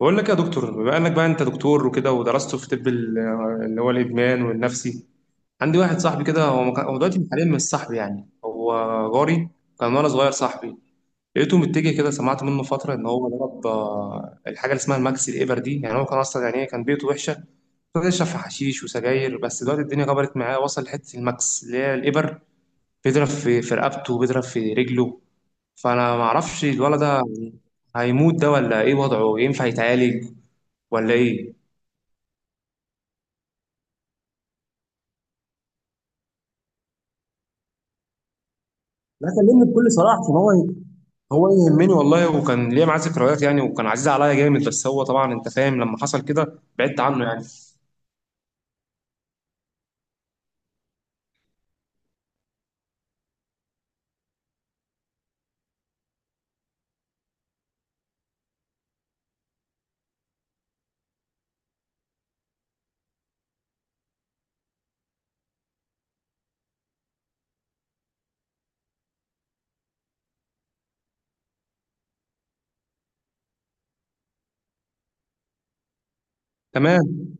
بقول لك يا دكتور، بما انك بقى انت دكتور وكده ودرست في طب اللي هو الادمان والنفسي. عندي واحد صاحبي كده، هو هو دلوقتي حاليا مش صاحبي، يعني هو جاري. كان وانا صغير صاحبي. لقيته متجه كده، سمعت منه فتره ان هو ضرب الحاجه اللي اسمها الماكس، الابر دي. يعني هو كان اصلا، يعني كان بيته وحشه. كان يشرب في حشيش وسجاير، بس دلوقتي الدنيا كبرت معاه، وصل لحته الماكس اللي هي الابر. بيضرب في رقبته، بيضرب في رجله. فانا ما اعرفش الولد ده هيموت ده، ولا ايه وضعه؟ ينفع يتعالج ولا ايه؟ لا، كلمني بكل صراحه، عشان هو يهمني والله، وكان ليا معاه ذكريات يعني، وكان عزيز عليا جامد. بس هو طبعا انت فاهم، لما حصل كده بعدت عنه يعني. تمام.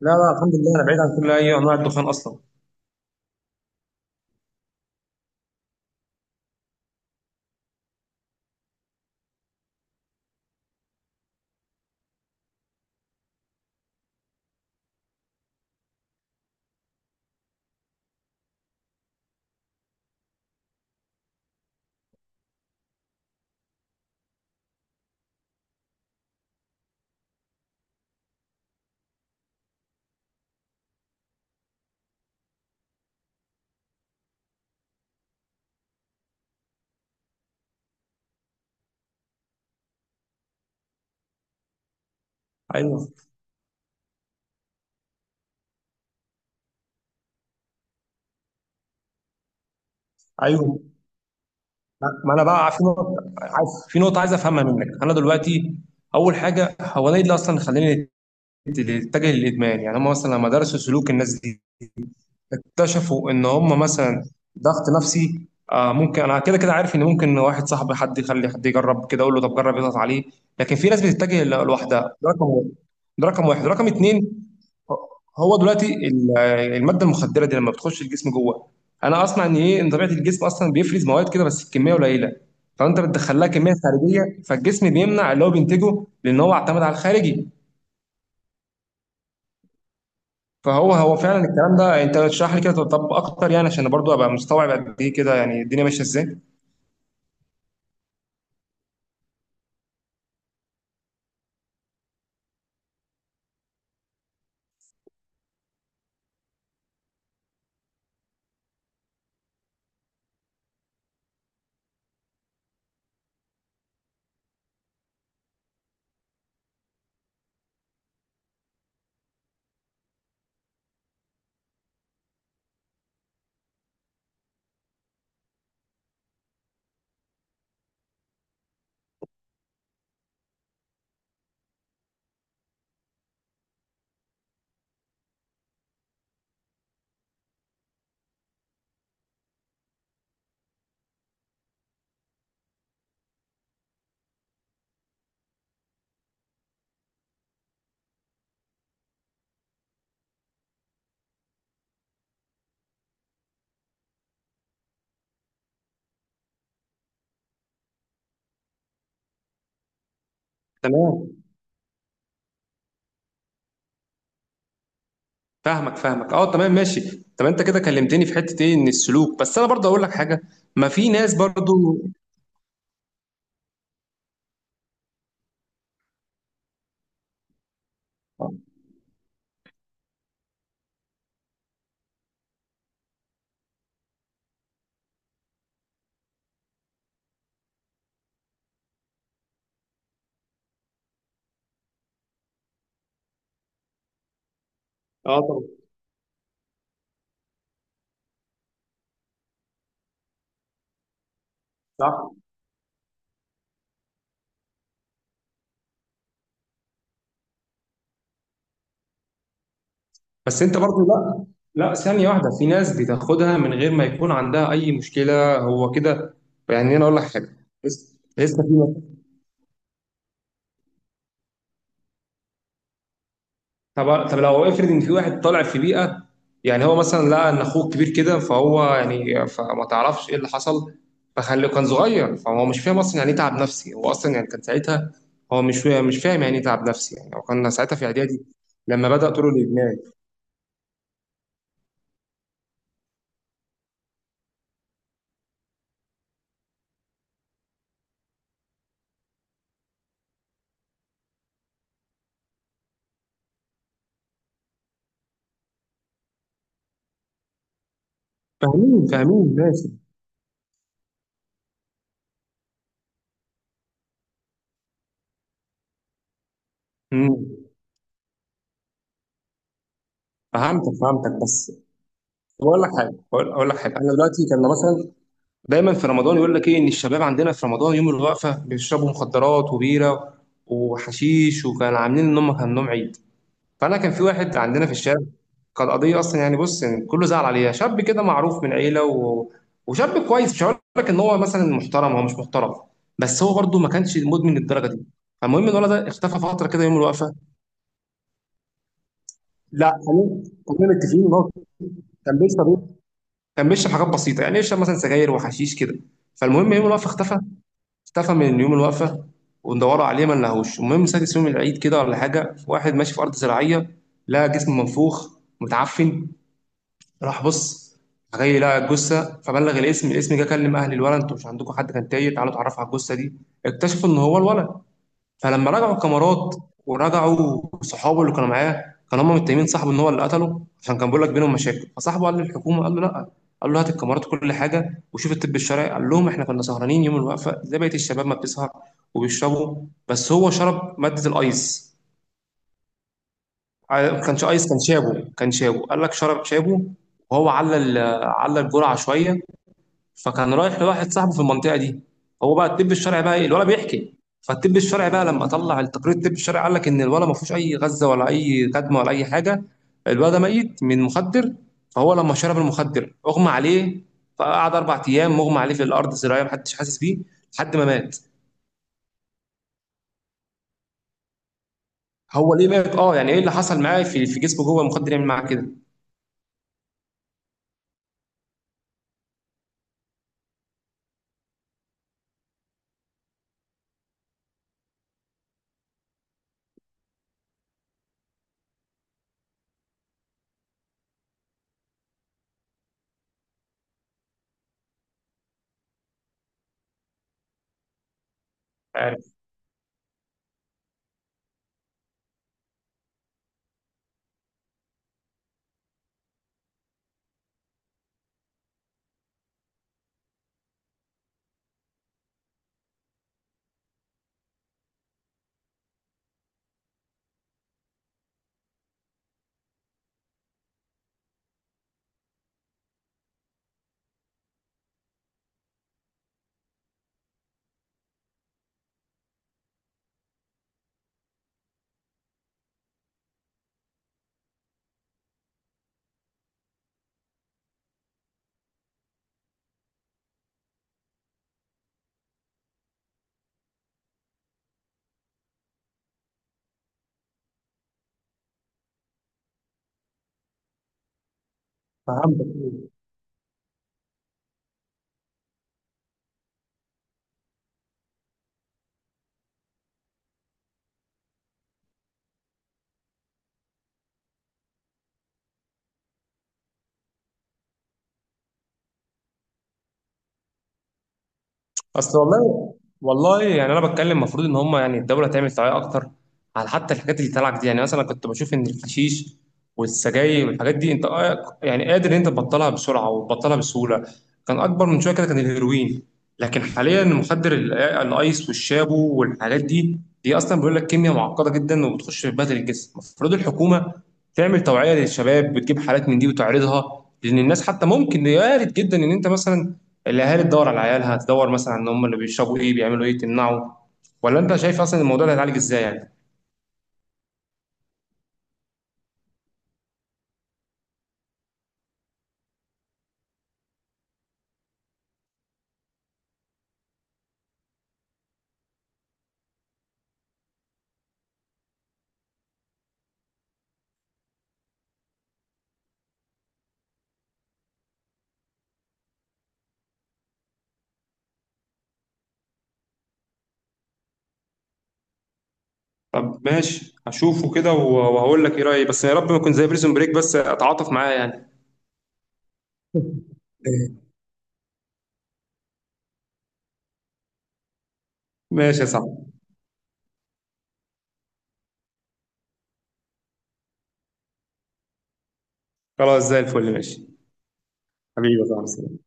لا، الحمد لله، انا بعيد عن كل اي انواع الدخان اصلا. ايوه. ايوه. ما انا بقى في نقطه، عايز في نقطه عايز افهمها منك انا دلوقتي. اول حاجه، هو انا ايه اللي اصلا خلاني اتجه للادمان؟ يعني هم مثلا لما درسوا سلوك الناس دي، اكتشفوا ان هم مثلا ضغط نفسي، آه. ممكن، انا كده عارف ان ممكن واحد صاحبي، حد يخلي حد يجرب كده، اقول له طب جرب، يضغط عليه. لكن في ناس بتتجه لوحدها. ده رقم واحد. ده رقم واحد. رقم اتنين، هو دلوقتي الماده المخدره دي لما بتخش الجسم جوه، انا اسمع ان ايه، ان طبيعه الجسم اصلا بيفرز مواد كده، بس الكميه قليله. فانت بتدخلها كميه خارجيه، فالجسم بيمنع اللي هو بينتجه، لان هو اعتمد على الخارجي. فهو فعلا الكلام ده؟ انت اشرح لي كده طب اكتر يعني، عشان برضو ابقى مستوعب قد ايه كده، يعني الدنيا ماشيه ازاي. تمام. فاهمك، اه، تمام، ماشي. طب انت كده كلمتني في حته ايه، ان السلوك. بس انا برضو اقول لك حاجه. ما في ناس برضو. اه طبعا. صح. بس انت برضو، لا. لا، ثانيه واحده، في ناس بتاخدها من غير ما يكون عندها اي مشكله، هو كده. يعني انا اقول لك حاجه، لسه في. طب لو افرض ان في واحد طالع في بيئه، يعني هو مثلا لقى ان اخوه كبير كده، فهو يعني فما تعرفش ايه اللي حصل، فخلي كان صغير، فهو مش فاهم اصلا يعني ايه تعب نفسي، هو اصلا يعني كان ساعتها هو مش فاهم يعني ايه تعب نفسي، يعني هو كان ساعتها في اعدادي لما بدأ طرق الادمان. فاهمين، ماشي. امم فهعمل. بقول لك حاجه، بقول أقول لك حاجه انا. دايما في رمضان يقول لك ايه، ان الشباب عندنا في رمضان يوم الوقفه بيشربوا مخدرات وبيره وحشيش، وكان عاملين ان هم كان نوم عيد. فانا كان في واحد عندنا في الشارع، كان قضيه اصلا يعني، بص يعني كله زعل عليها. شاب كده معروف من عيله وشاب كويس، مش هقول لك ان هو مثلا محترم، هو مش محترم، بس هو برضه ما كانش مدمن للدرجه دي. فالمهم الولد ده اختفى فتره كده يوم الوقفه. لا، خلينا كلنا متفقين ان هو كان بيشرب ايه؟ كان بيشرب حاجات بسيطه يعني، يشرب مثلا سجاير وحشيش كده. فالمهم يوم الوقفه اختفى، اختفى من يوم الوقفه، وندوروا عليه ما نلاقوش. المهم سادس يوم العيد كده ولا حاجه، واحد ماشي في ارض زراعيه، لقى جسم منفوخ متعفن، راح بص، جاي لقى الجثه، فبلغ الاسم، الاسم جه كلم اهل الولد: انتوا مش عندكم حد كان تايه؟ تعالوا اتعرفوا على الجثه دي. اكتشفوا ان هو الولد. فلما رجعوا الكاميرات ورجعوا صحابه اللي كانوا معاه، كانوا هم متهمين صاحبه ان هو اللي قتله، عشان كان بيقول لك بينهم مشاكل. فصاحبه قال للحكومه، قال له لا، قال له هات الكاميرات وكل حاجه وشوف الطب الشرعي. قال لهم احنا كنا سهرانين يوم الوقفه زي بقيه الشباب ما بتسهر وبيشربوا، بس هو شرب ماده الايس. ما كانش ايس، كان شابو، كان شابو، قال لك شرب شابو وهو على على الجرعه شويه. فكان رايح لواحد صاحبه في المنطقه دي. هو بقى الطب الشرعي بقى إيه؟ الولد بيحكي. فالطب الشرعي بقى لما طلع التقرير، الطب الشرعي قال لك ان الولد ما فيهوش اي غزه ولا اي كدمه ولا اي حاجه، الولد ده ميت من مخدر. فهو لما شرب المخدر اغمى عليه، فقعد اربع ايام مغمى عليه في الارض زراعيه، محدش حاسس بيه، لحد ما مات. هو ليه مات، اه؟ يعني ايه اللي حصل معاه في جسمه جوه المخدر يعمل معاه كده؟ عارف. فهمت. اصل والله، والله يعني انا بتكلم، المفروض ان هم يعني الدوله تعمل توعيه اكتر، على حتى الحاجات اللي طالعه جديد. يعني مثلا كنت بشوف ان الحشيش والسجاير والحاجات دي، انت آه يعني قادر ان انت تبطلها بسرعه وتبطلها بسهوله. كان اكبر من شويه كده، كان الهيروين. لكن حاليا المخدر الايس والشابو والحاجات دي، دي اصلا بيقول لك كيمياء معقده جدا، وبتخش في بدل الجسم. المفروض الحكومه تعمل توعيه للشباب، بتجيب حالات من دي وتعرضها، لان الناس حتى ممكن وارد جدا ان انت مثلا الاهالي تدور على عيالها، تدور مثلا ان هم اللي بيشربوا ايه بيعملوا ايه تمنعوا. ولا انت شايف اصلا الموضوع ده هيتعالج ازاي يعني؟ طب ماشي، هشوفه كده وهقول لك ايه رايي، بس يا رب ما يكون زي بريزون بريك بس، اتعاطف معاه يعني. ماشي يا صاحبي. خلاص، زي الفل، ماشي. حبيبي يا صاحبي.